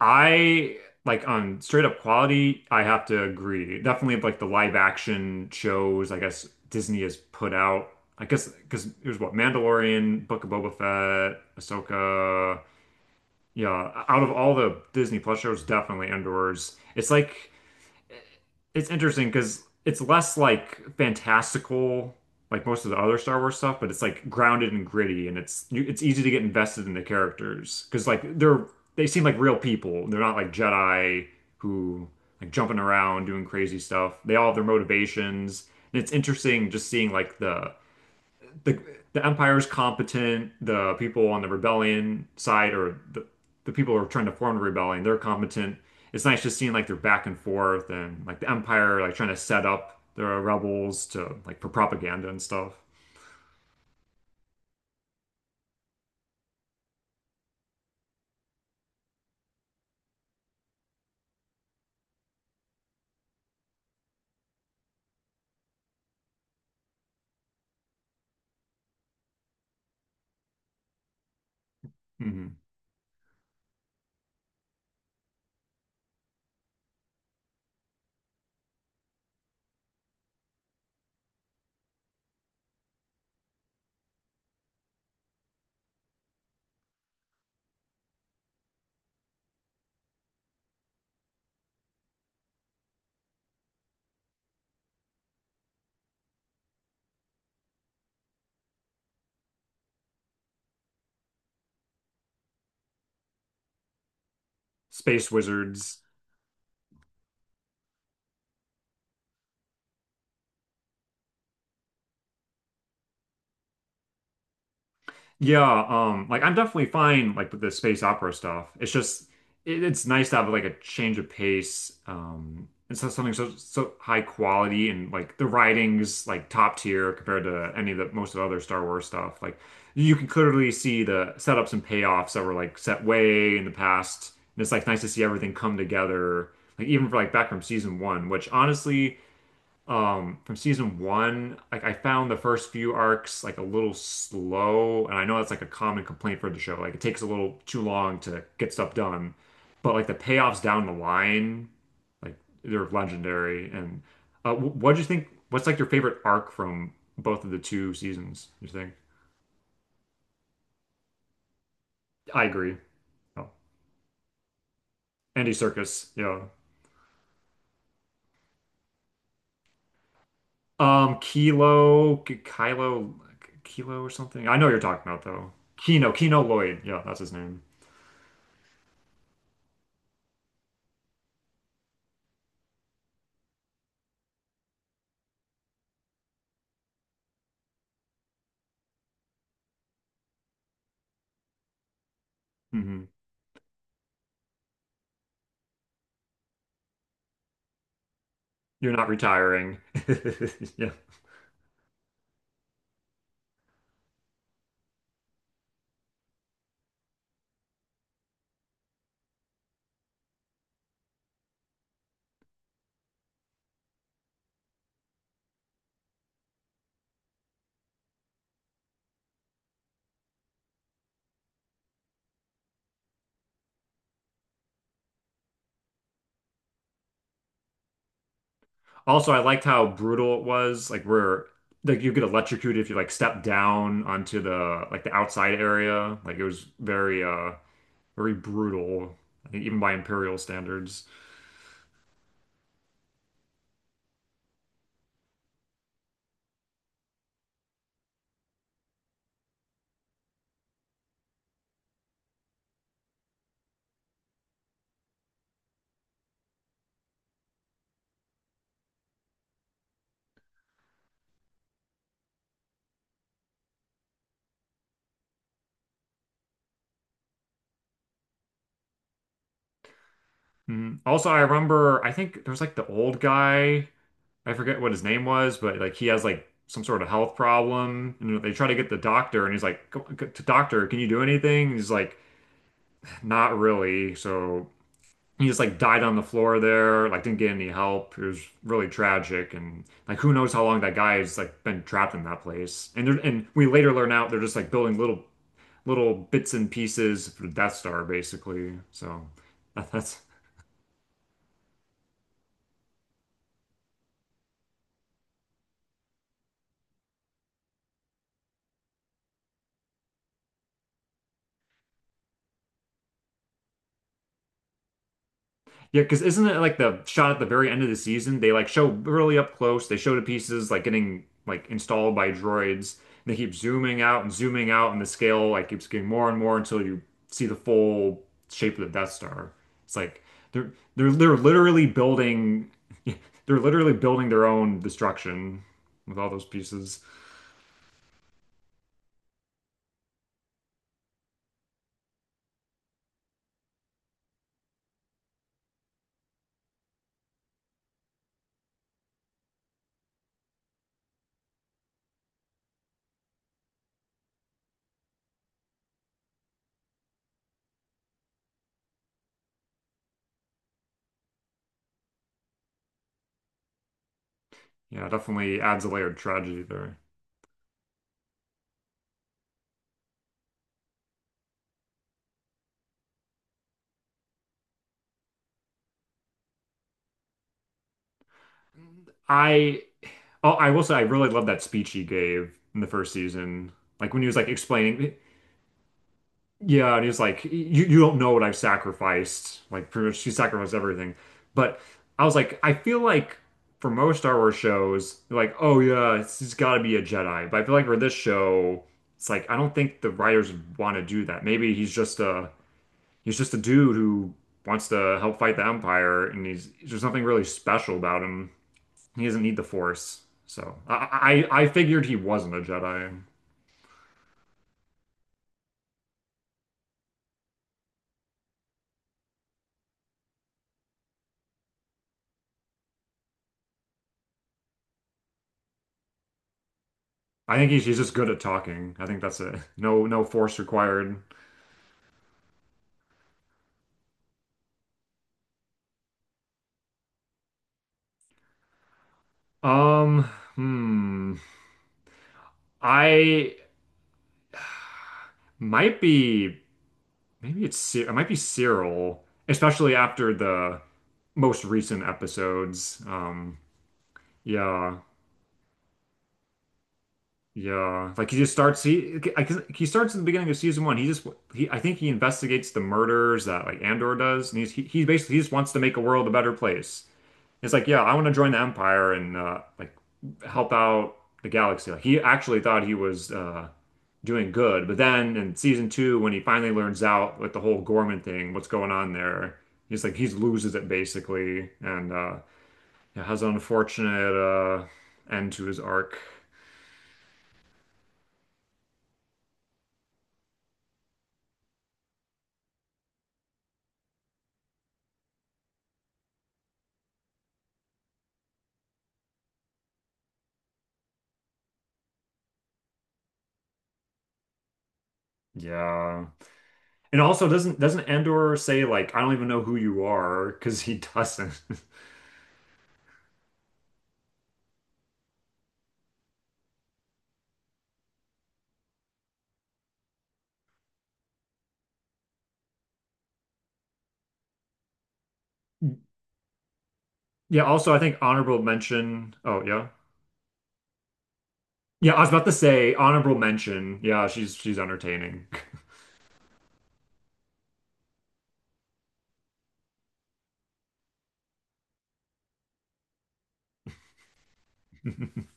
I like on straight up quality, I have to agree. Definitely like the live action shows, I guess Disney has put out. I guess because it was what Mandalorian, Book of Boba Fett, Ahsoka. Yeah, out of all the Disney Plus shows, definitely Andor's. It's like it's interesting because it's less like fantastical, like most of the other Star Wars stuff, but it's like grounded and gritty, and it's you, it's easy to get invested in the characters because like they seem like real people. They're not like Jedi who like jumping around doing crazy stuff. They all have their motivations, and it's interesting just seeing like the the Empire's competent. The people on the rebellion side, or the people who are trying to form the rebellion, they're competent. It's nice just seeing like they're back and forth, and like the Empire like trying to set up the rebels to like for propaganda and stuff. hmm Space wizards. Yeah, like I'm definitely fine like with the space opera stuff. It's just it's nice to have like a change of pace. It's not something so high quality and like the writing's like top tier compared to any of the most of the other Star Wars stuff. Like you can clearly see the setups and payoffs that were like set way in the past. And it's like nice to see everything come together. Like even for like back from season one, which honestly from season one like I found the first few arcs like a little slow and I know that's like a common complaint for the show like it takes a little too long to get stuff done but like the payoffs down the line like they're legendary and what do you think, what's like your favorite arc from both of the two seasons you think? I agree. Oh, Andy Circus, yeah. Um Kilo Kylo Kilo or something, I know what you're talking about though. Kino Lloyd, yeah, that's his name. Hmm. You're not retiring. Yeah. Also, I liked how brutal it was. Like where like you get electrocuted if you like step down onto the like the outside area. Like it was very very brutal, I think even by Imperial standards. Mhm. Also, I remember I think there was like the old guy. I forget what his name was, but like he has like some sort of health problem, and they try to get the doctor, and he's like, Doctor, can you do anything?" And he's like, "Not really." So he just like died on the floor there, like didn't get any help. It was really tragic, and like who knows how long that guy has like been trapped in that place. And they and we later learn out they're just like building little little bits and pieces for the Death Star basically. So that, that's yeah, because isn't it like the shot at the very end of the season? They like show really up close. They show the pieces like getting like installed by droids. And they keep zooming out, and the scale like keeps getting more and more until you see the full shape of the Death Star. It's like they're literally building they're literally building their own destruction with all those pieces. Yeah, definitely adds a layer of tragedy there. I oh, I will say I really love that speech he gave in the first season. Like when he was like explaining, yeah, and he's like, you don't know what I've sacrificed. Like pretty much she sacrificed everything. But I was like, I feel like for most Star Wars shows, they're like, oh yeah, it's gotta be a Jedi. But I feel like for this show, it's like I don't think the writers want to do that. Maybe he's just a dude who wants to help fight the Empire and he's there's nothing really special about him. He doesn't need the Force. So I figured he wasn't a Jedi. I think he's just good at talking. I think that's it. No force required. Um, hmm. I might be, maybe it's, it might be Cyril, especially after the most recent episodes. Yeah, yeah. Like he just starts, 'cause he starts at the beginning of season one. I think he investigates the murders that like Andor does. And he basically, he just wants to make a world a better place. It's like, yeah, I want to join the Empire and like help out the galaxy. Like he actually thought he was doing good, but then in season two, when he finally learns out like the whole Gorman thing, what's going on there, he's like he loses it basically, and yeah, has an unfortunate end to his arc. Yeah. And also doesn't Andor say like I don't even know who you are, because he doesn't. Yeah, also I think honorable mention. Oh, yeah. Yeah, I was about to say honorable mention. Yeah, she's entertaining.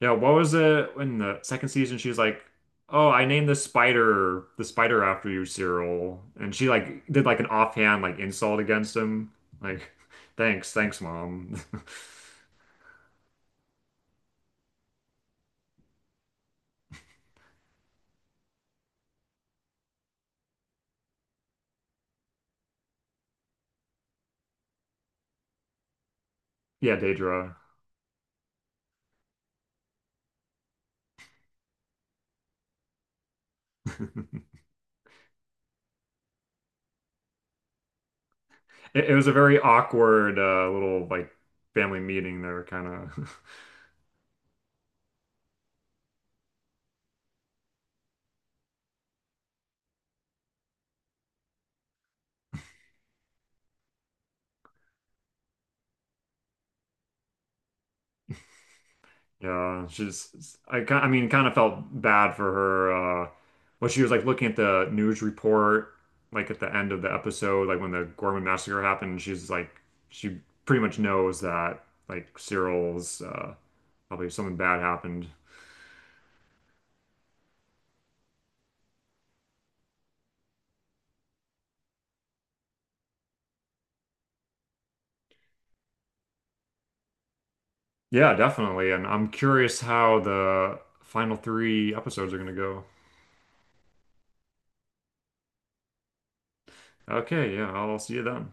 Yeah, what was it in the second season? She was like, "Oh, I named the spider after you, Cyril," and she like did like an offhand like insult against him. Like, thanks, thanks, mom. Yeah, Daedra. It was a very awkward little like family meeting there, kind of. Yeah, she's I I mean, kind of felt bad for her. When she was like looking at the news report, like at the end of the episode, like when the Gorman massacre happened, she's like, she pretty much knows that like Cyril's probably something bad happened. Yeah, definitely. And I'm curious how the final three episodes are gonna go. Okay, yeah, I'll see you then.